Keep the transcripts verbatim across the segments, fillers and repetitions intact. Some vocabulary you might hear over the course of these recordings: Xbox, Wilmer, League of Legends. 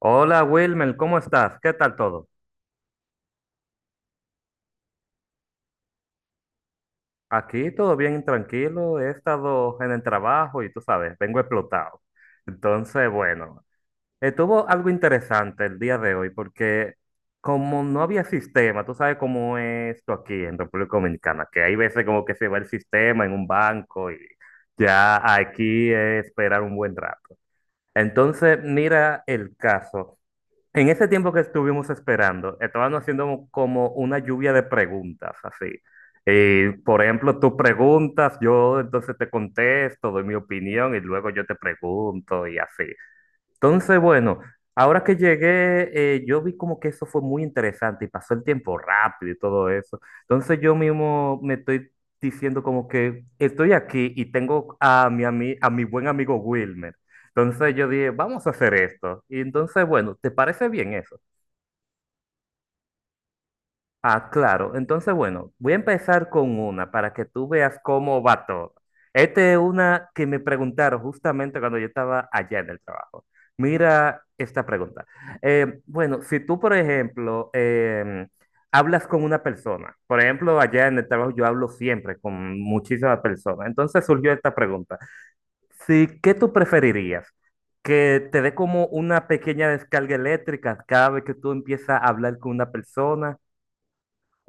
Hola Wilmer, ¿cómo estás? ¿Qué tal todo? Aquí todo bien, tranquilo. He estado en el trabajo y tú sabes, vengo explotado. Entonces, bueno, estuvo algo interesante el día de hoy porque como no había sistema, tú sabes cómo es esto aquí en República Dominicana, que hay veces como que se va el sistema en un banco y ya aquí es esperar un buen rato. Entonces, mira el caso. En ese tiempo que estuvimos esperando, estaban haciendo como una lluvia de preguntas, así. Eh, por ejemplo, tú preguntas, yo entonces te contesto, doy mi opinión y luego yo te pregunto y así. Entonces, bueno, ahora que llegué, eh, yo vi como que eso fue muy interesante y pasó el tiempo rápido y todo eso. Entonces yo mismo me estoy diciendo como que estoy aquí y tengo a mi, ami- a mi buen amigo Wilmer. Entonces yo dije, vamos a hacer esto. Y entonces, bueno, ¿te parece bien eso? Ah, claro. Entonces, bueno, voy a empezar con una para que tú veas cómo va todo. Esta es una que me preguntaron justamente cuando yo estaba allá en el trabajo. Mira esta pregunta. Eh, bueno, si tú, por ejemplo, em, hablas con una persona, por ejemplo, allá en el trabajo yo hablo siempre con muchísimas personas. Entonces surgió esta pregunta. Si, ¿qué tú preferirías? ¿Que te dé como una pequeña descarga eléctrica cada vez que tú empiezas a hablar con una persona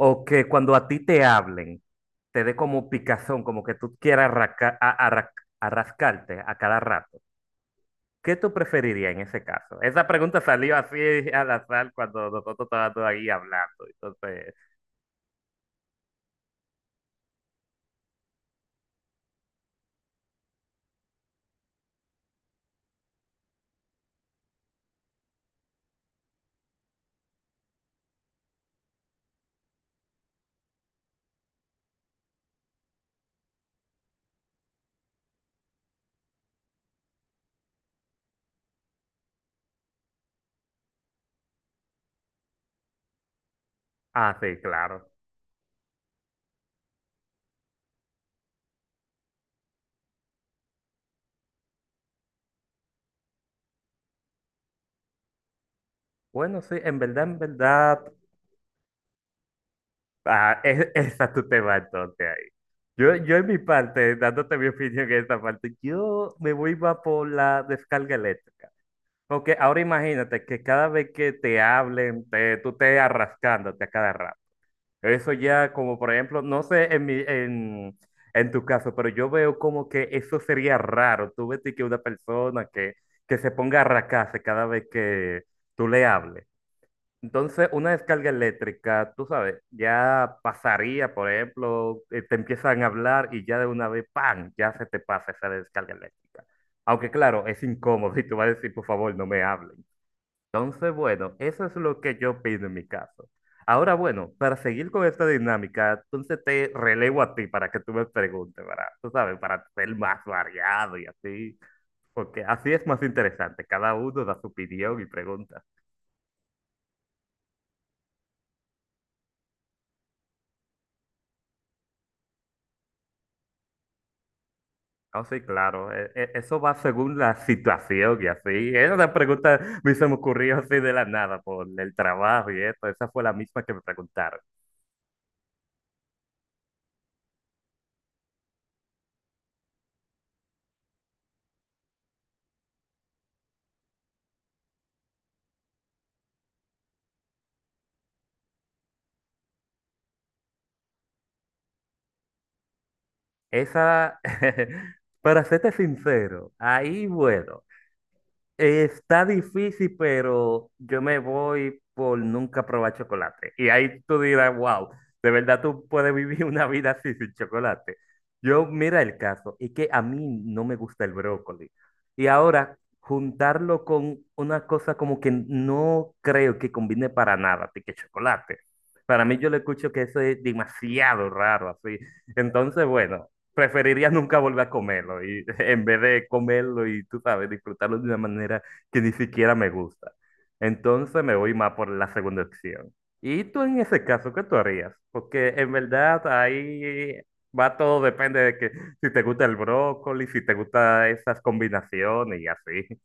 o que cuando a ti te hablen, te dé como picazón, como que tú quieras arrasca- a- arra- arrascarte a cada rato? ¿Qué tú preferirías en ese caso? Esa pregunta salió así al azar cuando nosotros estábamos ahí hablando. Entonces, ah, sí, claro. Bueno, sí, en verdad, en verdad, ah, es- esa tú te vas entonces ahí. Yo, yo en mi parte, dándote mi opinión en esta parte, yo me voy va por la descarga eléctrica. Porque ahora imagínate que cada vez que te hablen, te, tú te arrascándote a cada rato. Eso ya como por ejemplo, no sé en, mi, en, en tu caso, pero yo veo como que eso sería raro. Tú ves que una persona que, que se ponga a arrascarse cada vez que tú le hables. Entonces, una descarga eléctrica, tú sabes, ya pasaría, por ejemplo, eh, te empiezan a hablar y ya de una vez, ¡pam!, ya se te pasa esa descarga eléctrica. Aunque claro, es incómodo y tú vas a decir, por favor, no me hables. Entonces, bueno, eso es lo que yo opino en mi caso. Ahora, bueno, para seguir con esta dinámica, entonces te relevo a ti para que tú me preguntes, ¿verdad? Tú sabes, para ser más variado y así, porque así es más interesante. Cada uno da su opinión y pregunta. No, sí, claro, e- e- eso va según la situación y así. Esa una pregunta me se me ocurrió así de la nada por el trabajo y eso. Esa fue la misma que me preguntaron. Esa, para serte sincero, ahí, bueno. Está difícil, pero yo me voy por nunca probar chocolate. Y ahí tú dirás, wow, de verdad tú puedes vivir una vida así sin chocolate. Yo, mira el caso, es que a mí no me gusta el brócoli. Y ahora, juntarlo con una cosa como que no creo que combine para nada, de que chocolate. Para mí yo le escucho que eso es demasiado raro, así. Entonces, bueno, preferiría nunca volver a comerlo y, en vez de comerlo y, tú sabes, disfrutarlo de una manera que ni siquiera me gusta. Entonces me voy más por la segunda opción. ¿Y tú en ese caso, qué tú harías? Porque en verdad ahí va todo, depende de que si te gusta el brócoli, si te gustan esas combinaciones y así.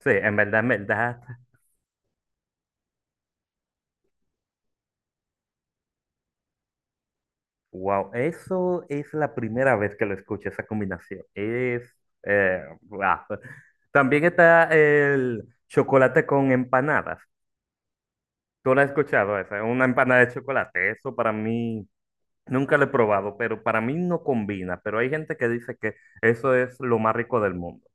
Sí, en verdad, en verdad, wow, eso es la primera vez que lo escucho, esa combinación. Es, eh, guau. También está el chocolate con empanadas. ¿Tú lo has escuchado esa? Una empanada de chocolate. Eso para mí, nunca lo he probado, pero para mí no combina. Pero hay gente que dice que eso es lo más rico del mundo.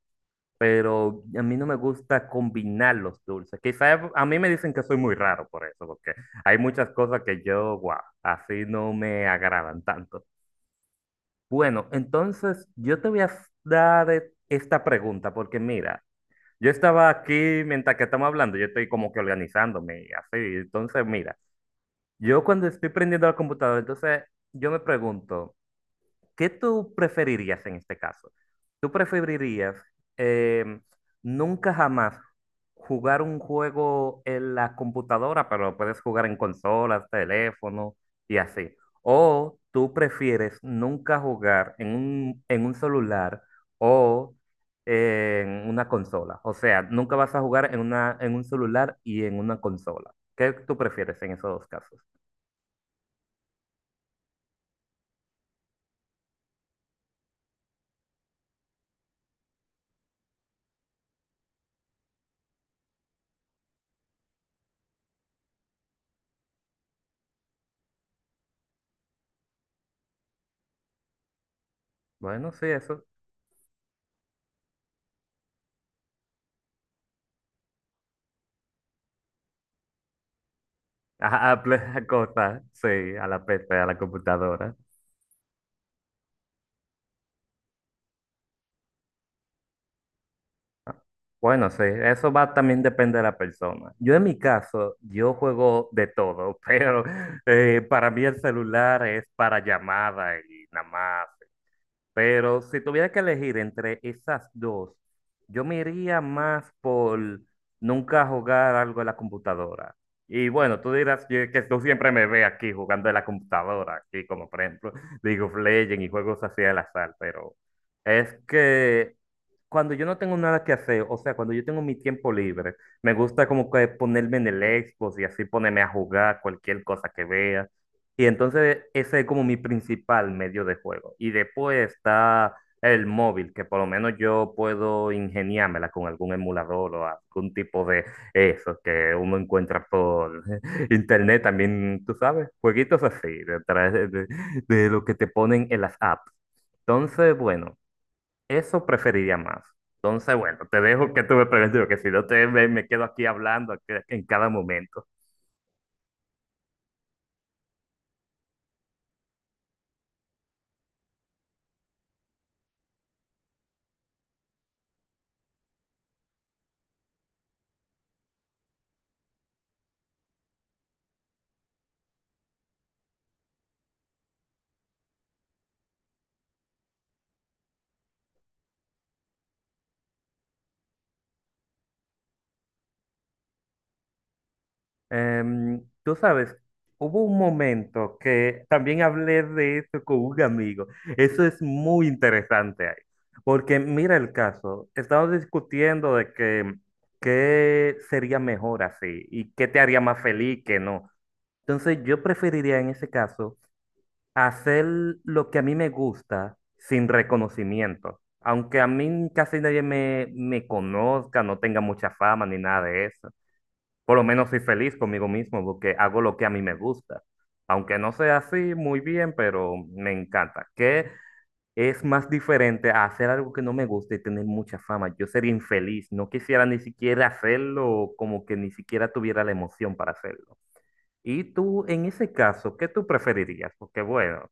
Pero a mí no me gusta combinar los dulces. Quizás a mí me dicen que soy muy raro por eso, porque hay muchas cosas que yo, wow, así no me agradan tanto. Bueno, entonces yo te voy a dar eh, esta pregunta porque mira, yo estaba aquí mientras que estamos hablando, yo estoy como que organizándome y así. Entonces, mira, yo cuando estoy prendiendo la computadora, entonces yo me pregunto, ¿qué tú preferirías en este caso? ¿Tú preferirías eh, nunca jamás jugar un juego en la computadora, pero lo puedes jugar en consolas, teléfono y así? ¿O tú prefieres nunca jugar en un, en un celular o en una consola? O sea, nunca vas a jugar en una, en un celular y en una consola. ¿Qué tú prefieres en esos dos casos? Bueno, sí, eso, a, a ple- a cosas, sí, a la P C, a la computadora. Bueno, sí, eso va también depende de la persona. Yo en mi caso, yo juego de todo, pero eh, para mí el celular es para llamada y nada más. Pero si tuviera que elegir entre esas dos, yo me iría más por nunca jugar algo en la computadora. Y bueno, tú dirás que, que tú siempre me ves aquí jugando en la computadora, aquí como por ejemplo League of Legends y juegos así al azar, pero es que cuando yo no tengo nada que hacer, o sea, cuando yo tengo mi tiempo libre, me gusta como que ponerme en el Xbox y así ponerme a jugar cualquier cosa que vea. Y entonces ese es como mi principal medio de juego. Y después está el móvil, que por lo menos yo puedo ingeniármela con algún emulador o algún tipo de eso que uno encuentra por internet también, tú sabes, jueguitos así, de, tra- de, de- de lo que te ponen en las apps. Entonces, bueno, eso preferiría más. Entonces, bueno, te dejo que tú me preguntes, porque si no te, me, me quedo aquí hablando aquí en cada momento. Em, tú sabes, hubo un momento que también hablé de esto con un amigo. Eso es muy interesante ahí. Porque mira el caso, estamos discutiendo de que qué sería mejor así y qué te haría más feliz que no. Entonces yo preferiría en ese caso hacer lo que a mí me gusta sin reconocimiento. Aunque a mí casi nadie me, me conozca, no tenga mucha fama ni nada de eso, por lo menos soy feliz conmigo mismo porque hago lo que a mí me gusta. Aunque no sea así muy bien, pero me encanta. ¿Qué es más diferente a hacer algo que no me gusta y tener mucha fama? Yo sería infeliz, no quisiera ni siquiera hacerlo, o como que ni siquiera tuviera la emoción para hacerlo. Y tú, en ese caso, ¿qué tú preferirías? Porque bueno,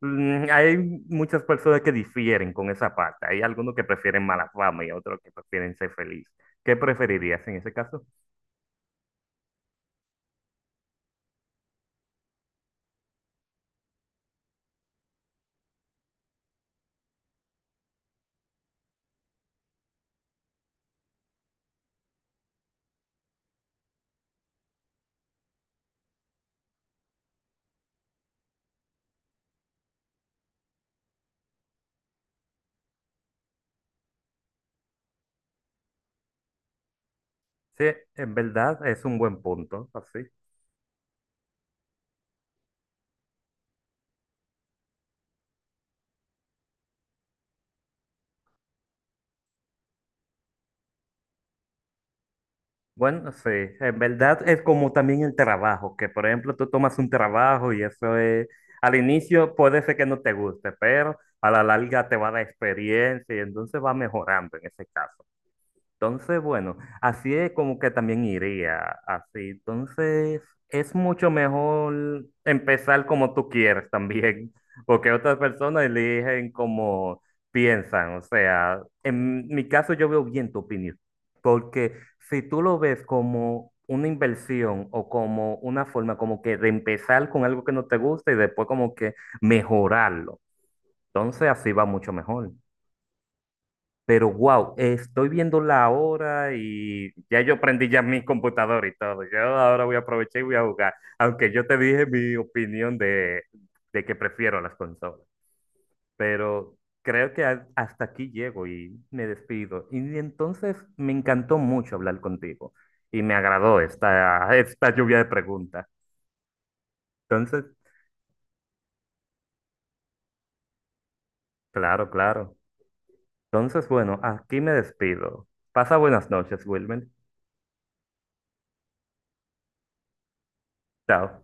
mm, hay muchas personas que difieren con esa parte. Hay algunos que prefieren mala fama y otros que prefieren ser feliz. ¿Qué preferirías en ese caso? Sí, en verdad es un buen punto, así. Bueno, sí, en verdad es como también el trabajo, que por ejemplo tú tomas un trabajo y eso es, al inicio puede ser que no te guste, pero a la larga te va a dar experiencia y entonces va mejorando en ese caso. Entonces, bueno, así es como que también iría, así. Entonces, es mucho mejor empezar como tú quieres también, porque otras personas eligen como piensan. O sea, en mi caso yo veo bien tu opinión, porque si tú lo ves como una inversión o como una forma como que de empezar con algo que no te gusta y después como que mejorarlo, entonces así va mucho mejor. Pero wow, estoy viendo la hora y ya yo prendí ya mi computadora y todo. Yo ahora voy a aprovechar y voy a jugar. Aunque yo te dije mi opinión de, de que prefiero las consolas. Pero creo que a- hasta aquí llego y me despido. Y entonces me encantó mucho hablar contigo. Y me agradó esta, esta lluvia de preguntas. Entonces, claro, claro. Entonces, bueno, aquí me despido. Pasa buenas noches, Wilmer. Chao.